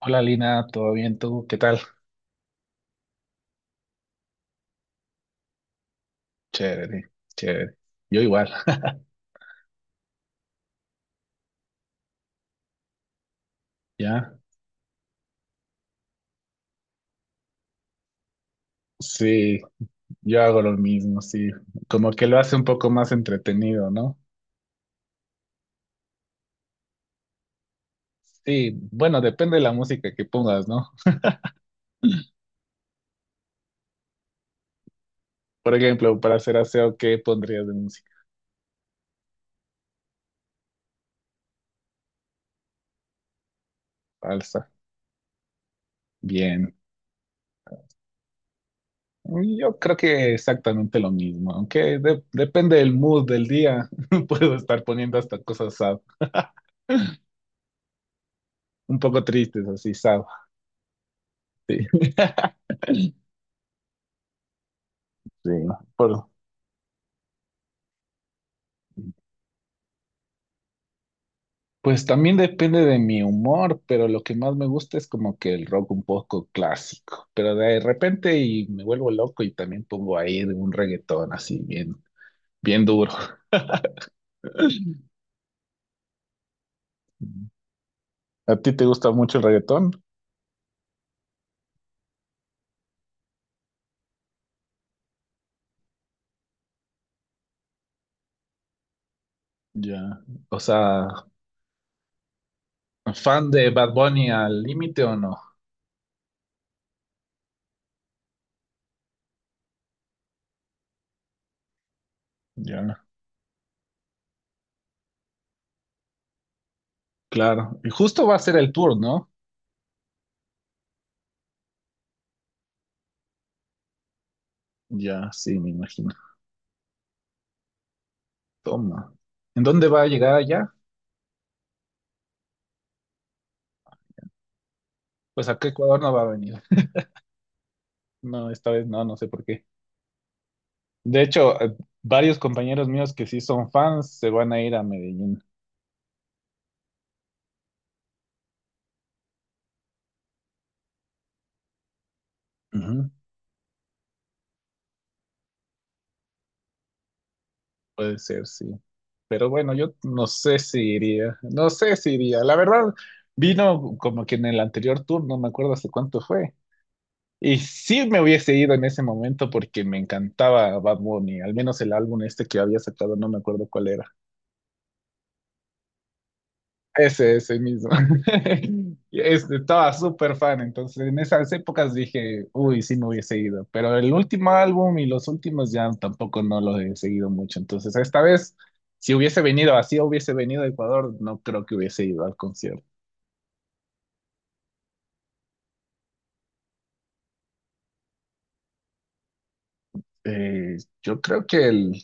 Hola Lina, ¿todo bien tú? ¿Qué tal? Chévere, chévere. Yo igual. ¿Ya? Sí, yo hago lo mismo, sí. Como que lo hace un poco más entretenido, ¿no? Sí, bueno, depende de la música que pongas, ¿no? Por ejemplo, para hacer aseo, ¿qué pondrías de música? Salsa. Bien. Yo creo que exactamente lo mismo, aunque depende del mood del día. Puedo estar poniendo hasta cosas sad, un poco tristes, así sad. Sí, sí, por, pues también depende de mi humor, pero lo que más me gusta es como que el rock un poco clásico. Pero de repente y me vuelvo loco y también pongo ahí un reggaetón así bien, bien duro. ¿A ti te gusta mucho el reggaetón? Ya. O sea, ¿fan de Bad Bunny al límite o no? Ya. Claro. Y justo va a ser el tour, ¿no? Ya, sí, me imagino. Toma. ¿En dónde va a llegar allá? Pues acá a Ecuador no va a venir. No, esta vez no, no sé por qué. De hecho, varios compañeros míos que sí son fans se van a ir a Medellín. Ujú, puede ser, sí. Pero bueno, yo no sé si iría. No sé si iría. La verdad, vino como que en el anterior tour, no me acuerdo hace cuánto fue. Y sí me hubiese ido en ese momento porque me encantaba Bad Bunny, al menos el álbum este que había sacado, no me acuerdo cuál era. Ese mismo. Y estaba súper fan, entonces en esas épocas dije, uy, sí me hubiese ido, pero el último álbum y los últimos ya tampoco no los he seguido mucho, entonces esta vez, si hubiese venido así, hubiese venido a Ecuador, no creo que hubiese ido al concierto. Eh, yo creo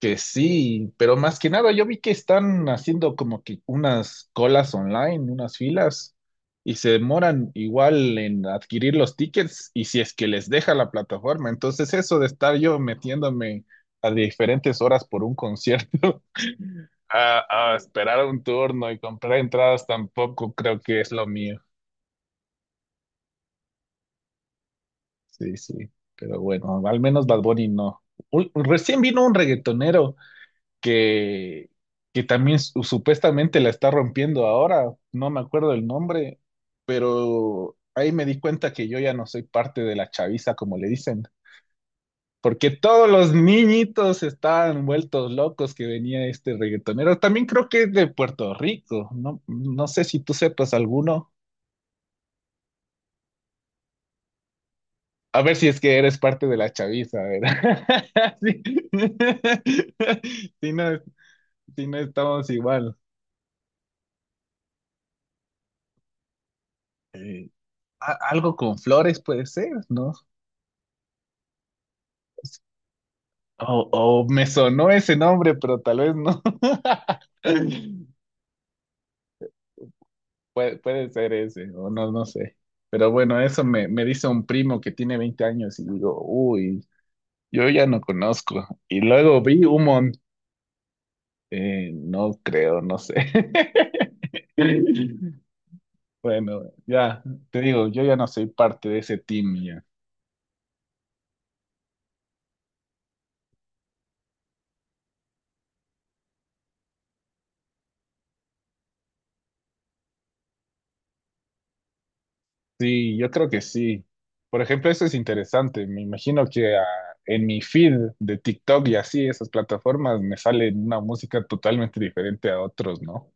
que sí, pero más que nada yo vi que están haciendo como que unas colas online, unas filas, y se demoran igual en adquirir los tickets y si es que les deja la plataforma. Entonces eso de estar yo metiéndome a diferentes horas por un concierto, a esperar un turno y comprar entradas tampoco creo que es lo mío. Sí, sí, pero bueno, al menos Bad Bunny no. Recién vino un reggaetonero que, que también supuestamente la está rompiendo ahora, no me acuerdo el nombre, pero ahí me di cuenta que yo ya no soy parte de la chaviza, como le dicen, porque todos los niñitos estaban vueltos locos que venía este reggaetonero. También creo que es de Puerto Rico, no, no sé si tú sepas alguno. A ver si es que eres parte de la chaviza, ¿verdad? Si, si no, si no estamos igual. Eh, algo con flores puede ser, ¿no? O me sonó ese nombre, pero tal vez no. Puede ser ese, o no, no sé. Pero bueno, eso me dice un primo que tiene 20 años y digo, uy, yo ya no conozco. Y luego vi un montón, no creo, no sé. Bueno, ya, te digo, yo ya no soy parte de ese team. Sí, yo creo que sí. Por ejemplo, eso es interesante. Me imagino que en mi feed de TikTok y así, esas plataformas, me sale una música totalmente diferente a otros, ¿no?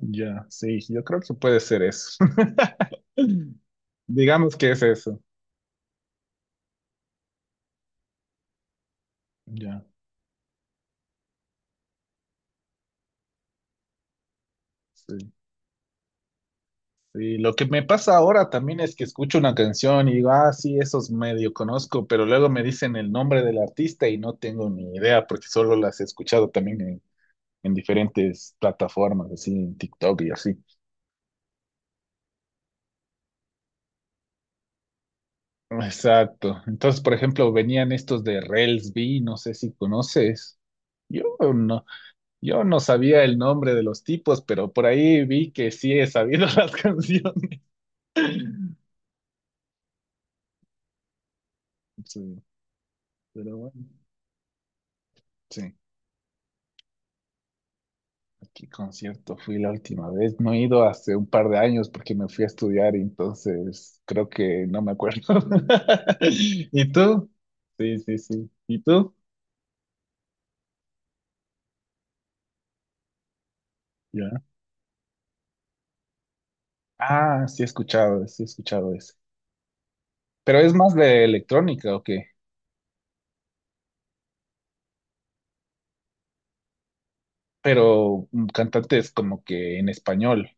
Ya, sí, yo creo que puede ser eso. Digamos que es eso. Ya, sí. Sí, lo que me pasa ahora también es que escucho una canción y digo, ah, sí, esos medio conozco, pero luego me dicen el nombre del artista y no tengo ni idea porque solo las he escuchado también en diferentes plataformas, así en TikTok y así. Exacto. Entonces, por ejemplo, venían estos de Relsby, no sé si conoces. Yo no, yo no sabía el nombre de los tipos, pero por ahí vi que sí he sabido las canciones. Sí, pero bueno, sí, a qué concierto fui la última vez. No he ido hace un par de años porque me fui a estudiar y entonces creo que no me acuerdo. ¿Y tú? Sí, sí, sí. ¿Y tú? Ya. Ah, sí he escuchado ese. Pero es más de electrónica, ¿o qué? Pero cantantes como que en español.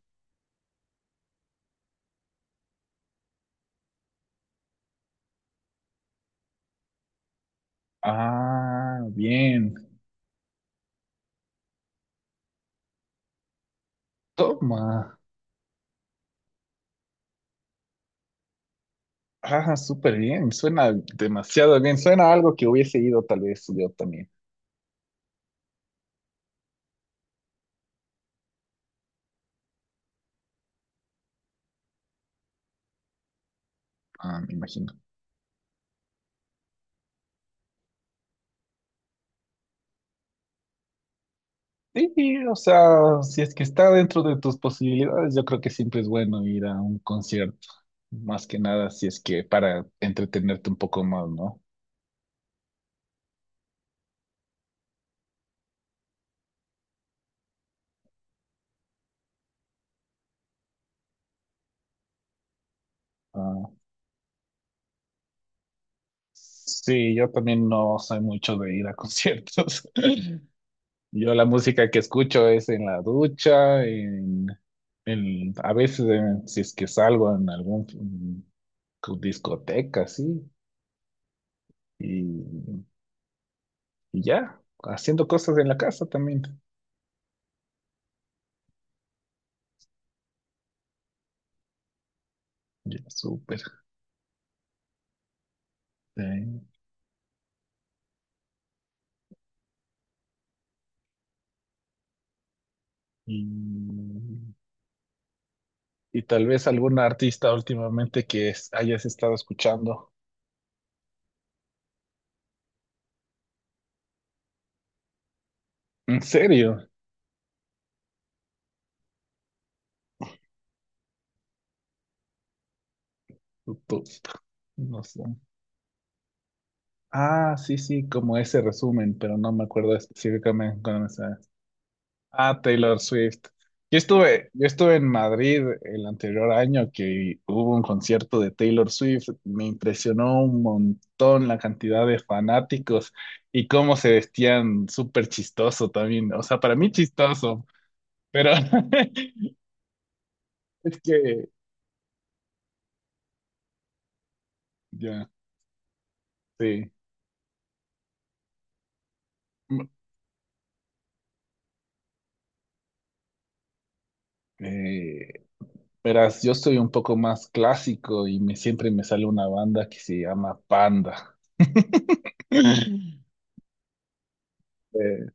Ah, bien. Toma. Ah, súper bien. Suena demasiado bien. Suena a algo que hubiese ido tal vez yo también. Ah, me imagino. Sí, sí, o sea, si es que está dentro de tus posibilidades, yo creo que siempre es bueno ir a un concierto. Más que nada, si es que para entretenerte un poco más, ¿no? Ah, sí, yo también no soy mucho de ir a conciertos. Yo la música que escucho es en la ducha, a veces si es que salgo en algún pues, discoteca, sí, y, y ya, haciendo cosas en la casa también. Ya, súper. Sí. Y, y tal vez algún artista últimamente que hayas estado escuchando. ¿En serio? Tú- No sé. Ah, sí, sí, como ese resumen, pero no me acuerdo específicamente cuándo me sale. Ah, Taylor Swift. Yo estuve en Madrid el anterior año que hubo un concierto de Taylor Swift. Me impresionó un montón la cantidad de fanáticos y cómo se vestían súper chistoso también. O sea, para mí chistoso, pero es que ya, sí. Mm, Eh, verás, yo soy un poco más clásico y siempre me sale una banda que se llama Panda. Eh,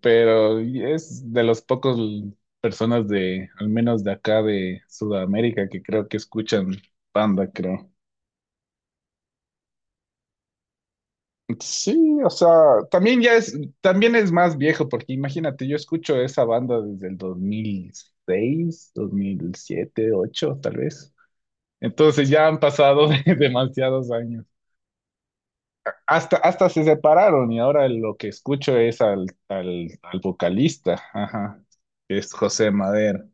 pero es de los pocos personas de, al menos de acá de Sudamérica, que creo que escuchan Panda, creo. Sí, o sea, también ya es, también es más viejo, porque imagínate, yo escucho esa banda desde el 2006, 2007, ocho, tal vez. Entonces ya han pasado demasiados años. Hasta se separaron y ahora lo que escucho es al vocalista, ajá, que es José Madero,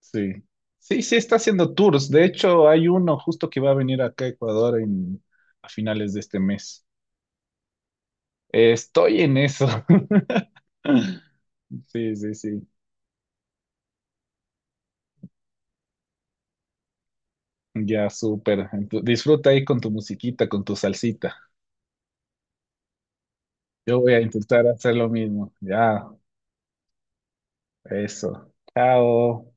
sí. Sí, sí, está haciendo tours. De hecho, hay uno justo que va a venir acá a Ecuador a finales de este mes. Estoy en eso. Sí, sí, sí. Ya, súper. Disfruta ahí con tu musiquita, con tu salsita. Yo voy a intentar hacer lo mismo. Ya, eso. Chao.